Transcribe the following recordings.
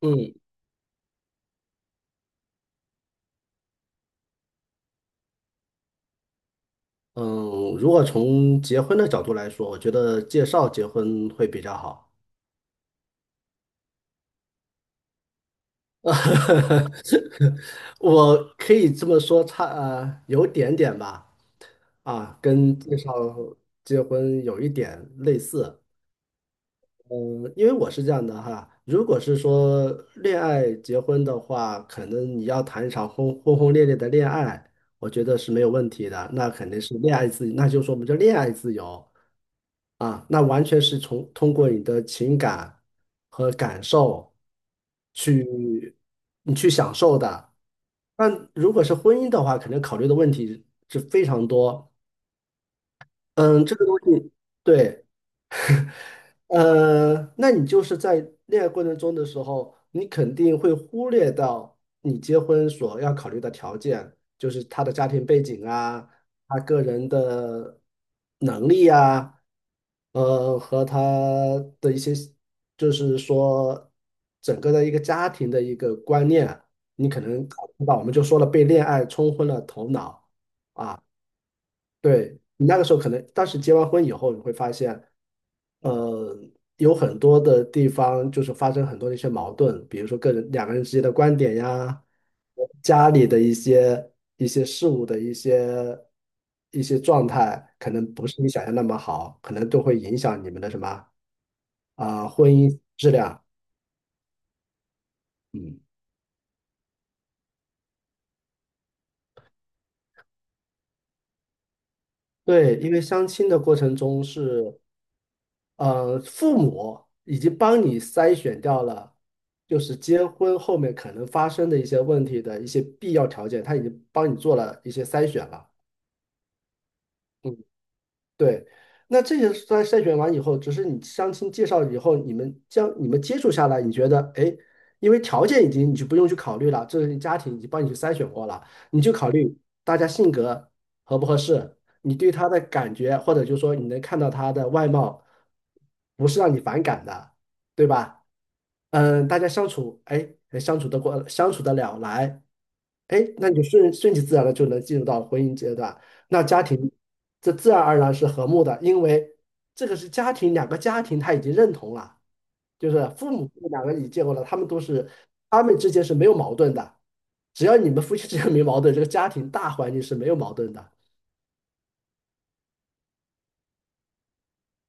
嗯嗯，如果从结婚的角度来说，我觉得介绍结婚会比较好。我可以这么说，有点点吧，啊，跟介绍结婚有一点类似。嗯，因为我是这样的哈，如果是说恋爱结婚的话，可能你要谈一场轰轰烈烈的恋爱，我觉得是没有问题的。那肯定是恋爱自由，那就是说我们叫恋爱自由啊，那完全是从通过你的情感和感受去你去享受的。但如果是婚姻的话，肯定考虑的问题是非常多。嗯，这个东西，对。那你就是在恋爱过程中的时候，你肯定会忽略到你结婚所要考虑的条件，就是他的家庭背景啊，他个人的能力啊，和他的一些，就是说整个的一个家庭的一个观念啊，你可能考虑不到。我们就说了，被恋爱冲昏了头脑。对，你那个时候可能，但是结完婚以后，你会发现，呃，有很多的地方就是发生很多的一些矛盾，比如说个人两个人之间的观点呀，家里的一些事物的一些状态，可能不是你想象那么好，可能都会影响你们的什么啊、婚姻质量。嗯，对，因为相亲的过程中是。父母已经帮你筛选掉了，就是结婚后面可能发生的一些问题的一些必要条件，他已经帮你做了一些筛选了。嗯对，那这些筛选完以后，只是你相亲介绍以后，你们将你们接触下来，你觉得，哎，因为条件已经你就不用去考虑了，这是家庭已经帮你去筛选过了，你就考虑大家性格合不合适，你对他的感觉，或者就是说你能看到他的外貌，不是让你反感的，对吧？嗯，大家相处，哎，相处得过，相处得了来，哎，那你就顺其自然的就能进入到婚姻阶段。那家庭这自然而然是和睦的，因为这个是家庭，两个家庭他已经认同了，就是父母两个已经结婚了，他们都是他们之间是没有矛盾的，只要你们夫妻之间没矛盾，这个家庭大环境是没有矛盾的。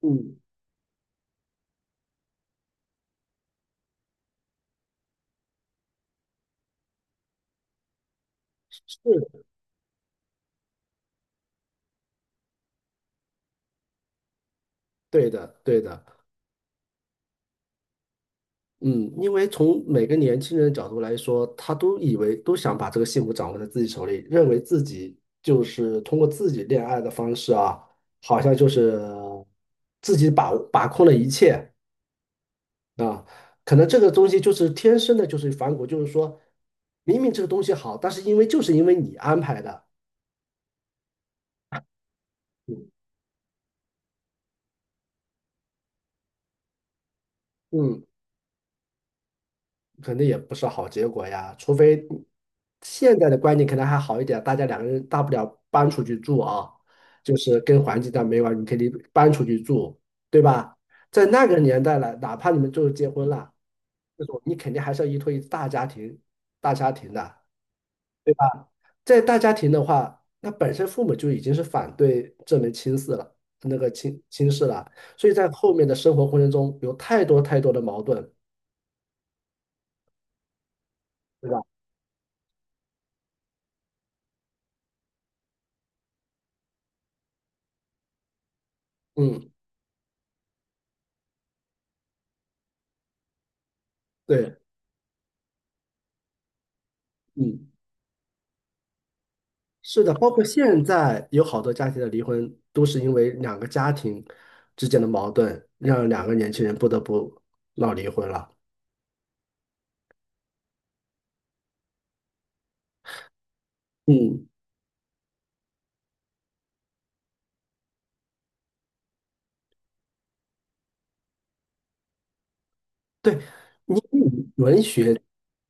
嗯，是的对的，对的。嗯，因为从每个年轻人的角度来说，他都以为都想把这个幸福掌握在自己手里，认为自己就是通过自己恋爱的方式啊，好像就是自己把控了一切啊。可能这个东西就是天生的，就是反骨，就是说明明这个东西好，但是因为就是因为你安排的，嗯，嗯肯定也不是好结果呀。除非现在的观念可能还好一点，大家两个人大不了搬出去住啊，就是跟环境上没完，你可以搬出去住，对吧？在那个年代了，哪怕你们就后结婚了，这种你肯定还是要依托于大家庭、大家庭的。对吧？在大家庭的话，那本身父母就已经是反对这门亲事了，那个亲事了，所以在后面的生活过程中有太多太多的矛盾，对吧？嗯，对，嗯。是的，包括现在有好多家庭的离婚，都是因为两个家庭之间的矛盾，让两个年轻人不得不闹离婚了。嗯，对，你文学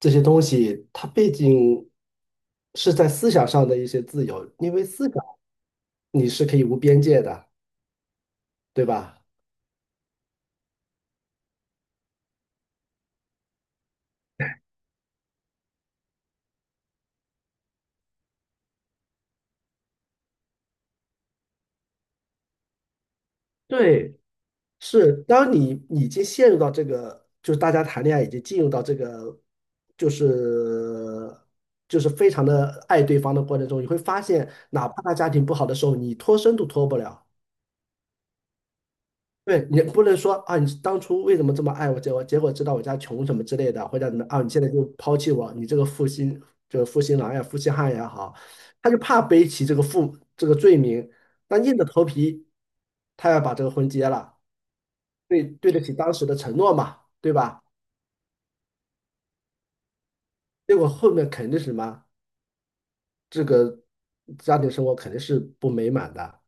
这些东西，它毕竟是在思想上的一些自由，因为思想你是可以无边界的，对吧？对，是，当你已经陷入到这个，就是大家谈恋爱已经进入到这个，就是就是非常的爱对方的过程中，你会发现，哪怕他家庭不好的时候，你脱身都脱不了。对，你不能说啊，你当初为什么这么爱我，结果知道我家穷什么之类的，或者怎么啊，你现在就抛弃我，你这个就是负心郎呀、负心汉也好，他就怕背起这个罪名，但硬着头皮，他要把这个婚结了。对对得起当时的承诺嘛，对吧？结果后面肯定是什么，这个家庭生活肯定是不美满的。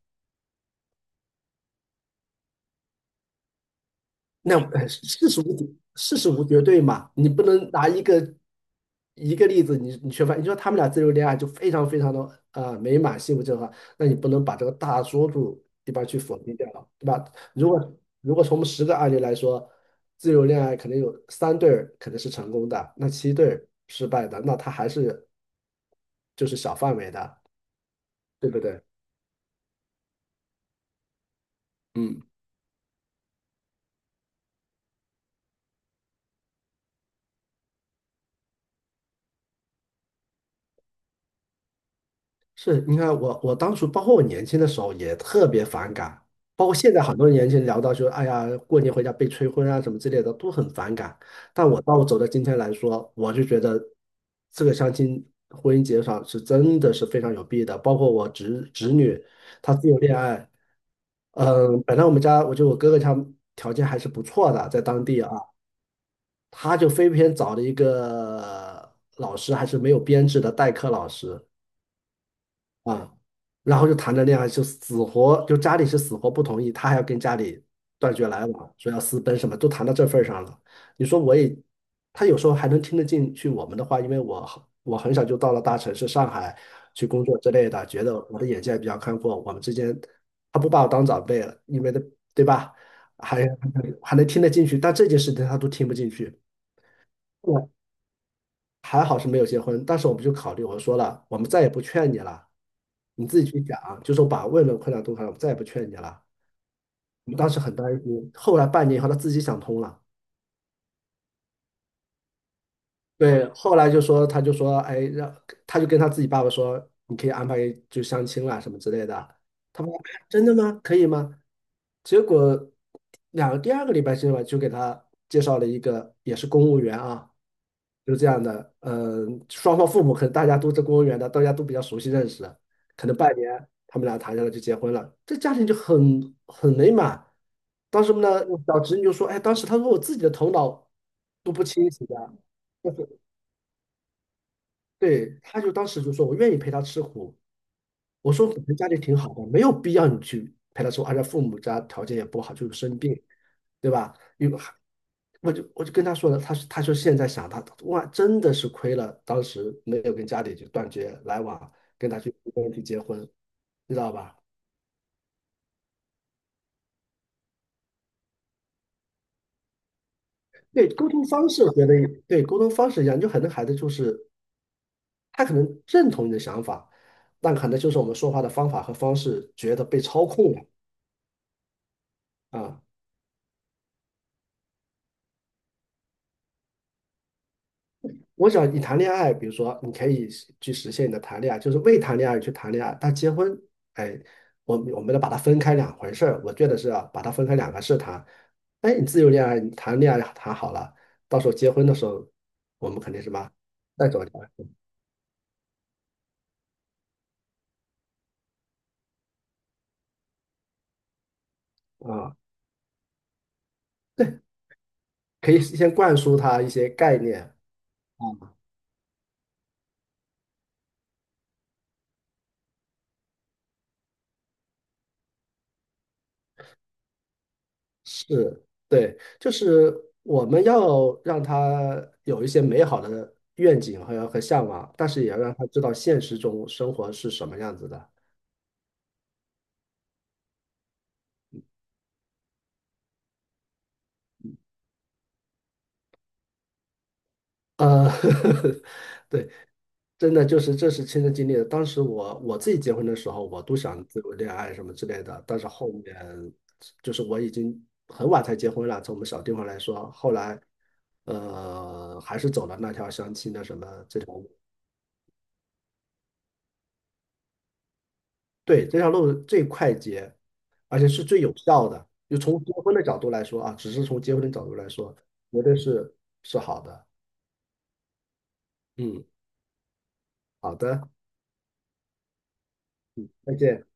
那事实无绝对嘛，你不能拿一个例子你缺乏，你说他们俩自由恋爱就非常非常的啊美满幸福正常，那你不能把这个大多数地方去否定掉了，对吧？如果从我们十个案例来说，自由恋爱可能有三对儿可能是成功的，那七对儿失败的，那他还是就是小范围的，对不对？嗯。是，你看我，我当初包括我年轻的时候也特别反感，包括现在很多年轻人聊到说，哎呀，过年回家被催婚啊什么之类的，都很反感。但我到我走到今天来说，我就觉得这个相亲婚姻介绍是真的是非常有弊的。包括我侄女，她自由恋爱，嗯，本来我们家我觉得我哥哥他条件还是不错的，在当地啊，他就非偏找了一个老师，还是没有编制的代课老师。啊，然后就谈着恋爱，就死活就家里是死活不同意，他还要跟家里断绝来往，说要私奔什么，都谈到这份儿上了。你说我也，他有时候还能听得进去我们的话，因为我很小就到了大城市上海去工作之类的，觉得我的眼界比较开阔，我们之间他不把我当长辈了，因为的对吧？还还能听得进去，但这件事情他都听不进去。还好是没有结婚，当时我们就考虑，我说了，我们再也不劝你了，你自己去想，就是我把问困难都看了，我们再也不劝你了。我们当时很担心，后来半年以后他自己想通了。对，后来就说，他就说，哎，让他就跟他自己爸爸说，你可以安排就相亲了什么之类的。他们真的吗？可以吗？结果第二个礼拜之吧，就给他介绍了一个也是公务员啊，就这样的。嗯，双方父母可能大家都是公务员的，大家都比较熟悉认识，可能半年他们俩谈下来就结婚了，这家庭就很美满。当时呢，我小侄女就说，哎，当时她说我自己的头脑都不清醒的。对，他就当时就说："我愿意陪他吃苦。"我说："你们家里挺好的，没有必要你去陪他吃苦，而且父母家条件也不好，就是生病，对吧？"因为我就跟他说了，他说现在想他哇，真的是亏了，当时没有跟家里就断绝来往，跟他去结婚，你知道吧？对，沟通方式我觉得对沟通方式一样，就很多孩子就是他可能认同你的想法，但可能就是我们说话的方法和方式觉得被操控了啊。我想你谈恋爱，比如说你可以实现你的谈恋爱，就是未谈恋爱去谈恋爱，但结婚，哎，我们得把它分开两回事儿。我觉得是啊，把它分开两个事谈。哎，你自由恋爱，你谈恋爱谈好了，到时候结婚的时候，我们肯定什么再走一儿啊，可以先灌输他一些概念。啊。是，对，就是我们要让他有一些美好的愿景和向往，但是也要让他知道现实中生活是什么样子的。呃，对，真的就是这是亲身经历的。当时我自己结婚的时候，我都想自由恋爱什么之类的，但是后面就是我已经很晚才结婚了，从我们小地方来说，后来还是走了那条相亲的什么这条。路。对，这条路最快捷，而且是最有效的。就从结婚的角度来说啊，只是从结婚的角度来说，绝对是好的。嗯，好的，再见。